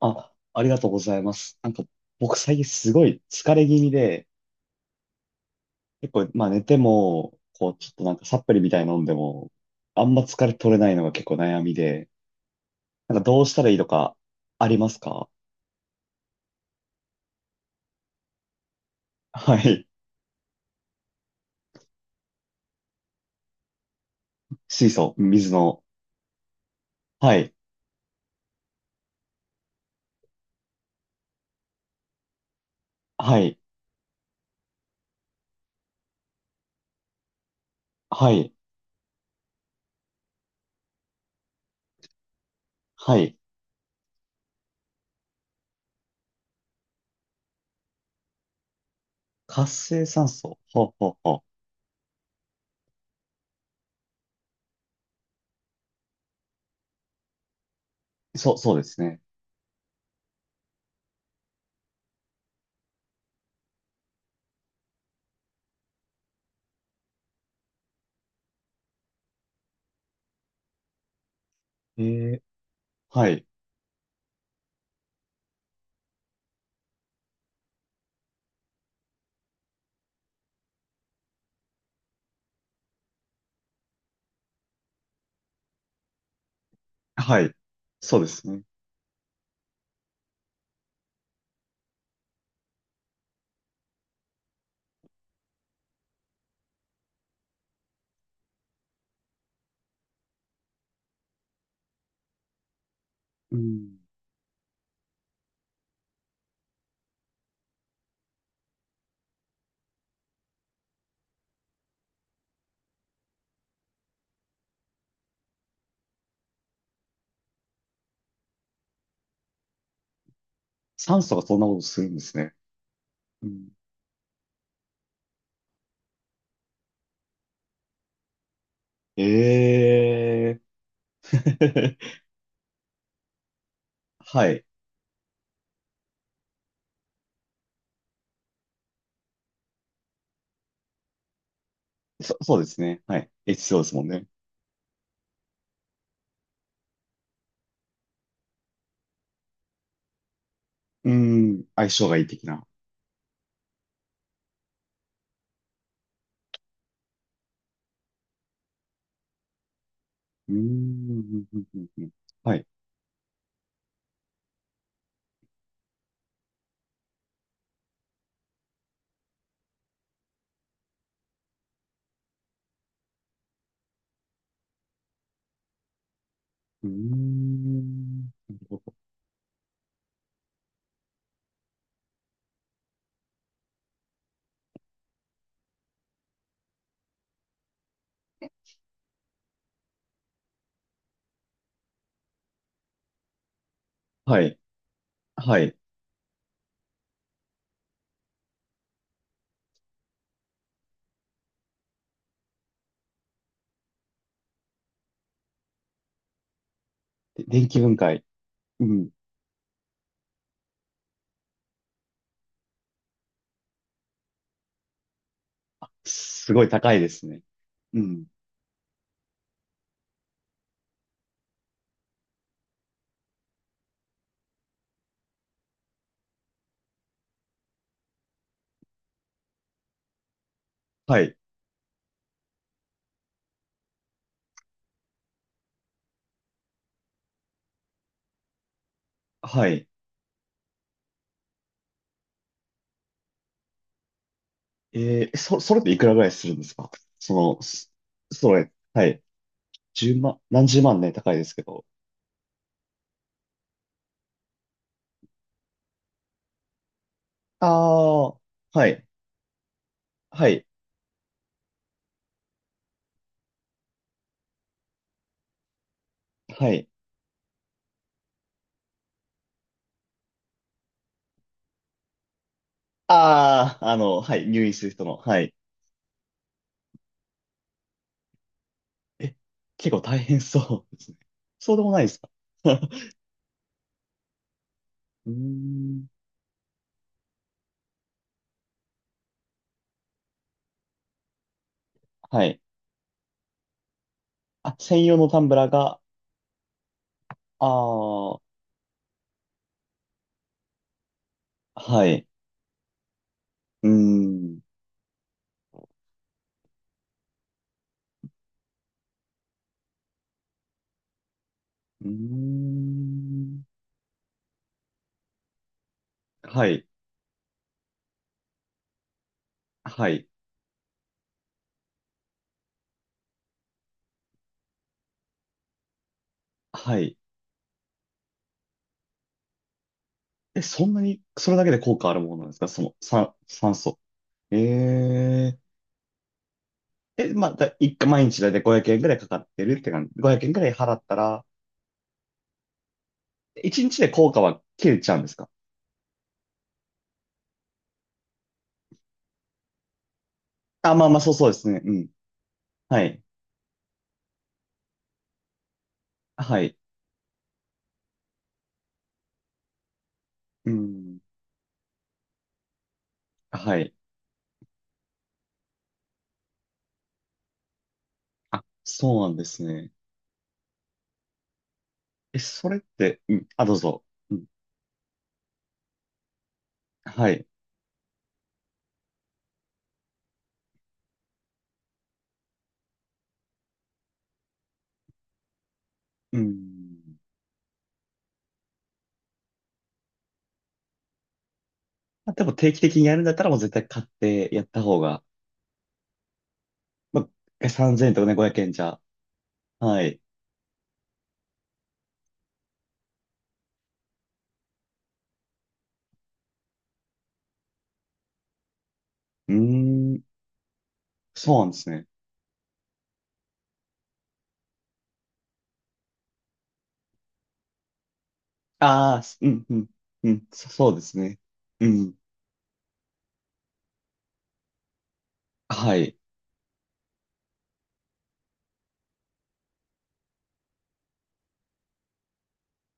あ、ありがとうございます。なんか、僕最近すごい疲れ気味で、結構、まあ寝ても、こう、ちょっとなんかサプリみたいに飲んでも、あんま疲れ取れないのが結構悩みで、なんかどうしたらいいとか、ありますか？はい。水素、水の。はい。はい。はい。はい。活性酸素。ほうほうほう。そう、そうですね。えー、はい。はい。そうですね。うん。酸素がそんなことするんですね。うん。ええー はい。そうですね。はい。HCO ですもんね。うーん。相性がいい的な。うーん。うんうんうん。はい。うーん。なるほど。はい。はい。で、電気分解。うん。すごい高いですね。うん。はい。はい。えー、それっていくらぐらいするんですか？その、そそれ、はい。1万、何十万ね、高いですけど。ああ、はい。はい。はい。ああ、はい。入院する人の、はい。え、結構大変そうですね。そうでもないですか？ うーん。はい。あ、専用のタンブラーが、ああ、はい。うーん。うーん。はい。はい。はい。え、そんなに、それだけで効果あるものなんですか？酸素。えええ、まあ、一回、毎日だいたい500円ぐらいかかってるって感じ。500円ぐらい払ったら、1日で効果は切れちゃうんですか？あ、まあまあ、そうそうですね。うん。はい。はい。うん。はい。あ、そうなんですね。え、それって、うん、あ、どうぞ。うん、はい。うん。まあ、でも定期的にやるんだったらもう絶対買ってやった方が、まあ、3000円とかね、500円じゃ。はい。うーん、そうなんですね。ああ、すうん、うん、うん、そうですね。うん、はい。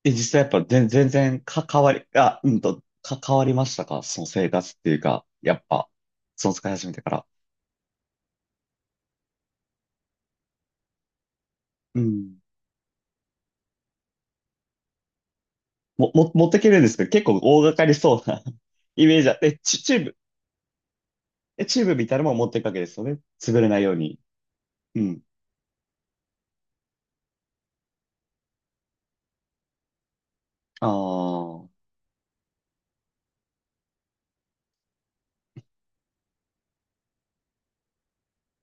え、実際やっぱ全然か、変わりましたか？その生活っていうか、やっぱ、その使い始めてから。うん。持ってけるんですけど、結構大掛かりそうな イメージあって、チューブみたいなのも持っていくわけですよね。潰れないように。うん。ああ、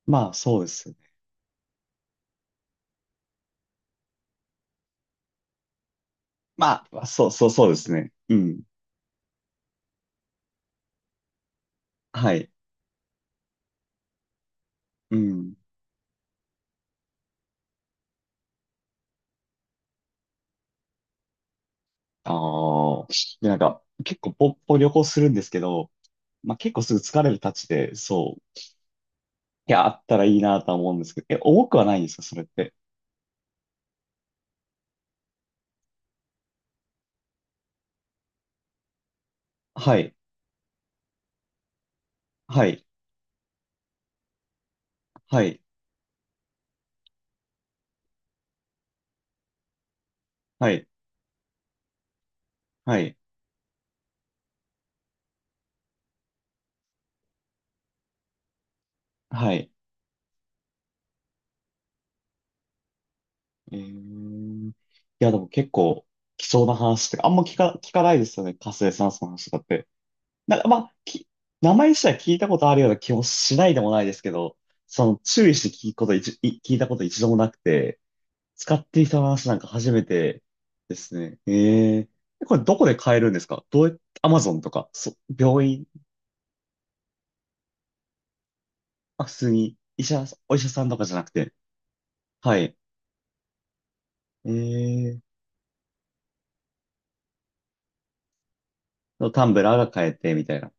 まあ、そうですね。まあ、そう、そう、そうですね。うん。はい。うん。ああ、で、なんか、結構ポッポ旅行するんですけど、まあ結構すぐ疲れるたちで、そう、いや、あったらいいなとは思うんですけど、え、重くはないんですか、それって？はい。はい。はい。はい。はい。はい。えー、いや、でも結構貴重な話って、あんま聞かないですよね。活性酸素の話とかって。なんか、まあ、名前自体聞いたことあるような気もしないでもないですけど、その注意して聞くこと聞いたこと一度もなくて、使っていた話なんか初めてですね。ええ。これどこで買えるんですか？どうやって、アマゾンとか、病院、あ、普通にお医者さんとかじゃなくて、はい。ええ。タンブラーが買えて、みたいな。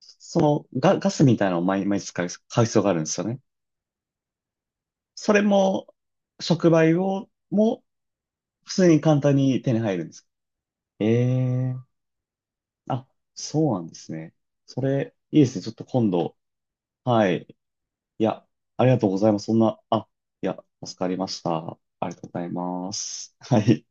そのガスみたいなのを毎日買う必要があるんですよね。それも、触媒を、普通に簡単に手に入るんです。ええ。あ、そうなんですね。それ、いいですね。ちょっと今度。はい。いや、ありがとうございます。そんな、あ、いや、助かりました。ありがとうございます。はい。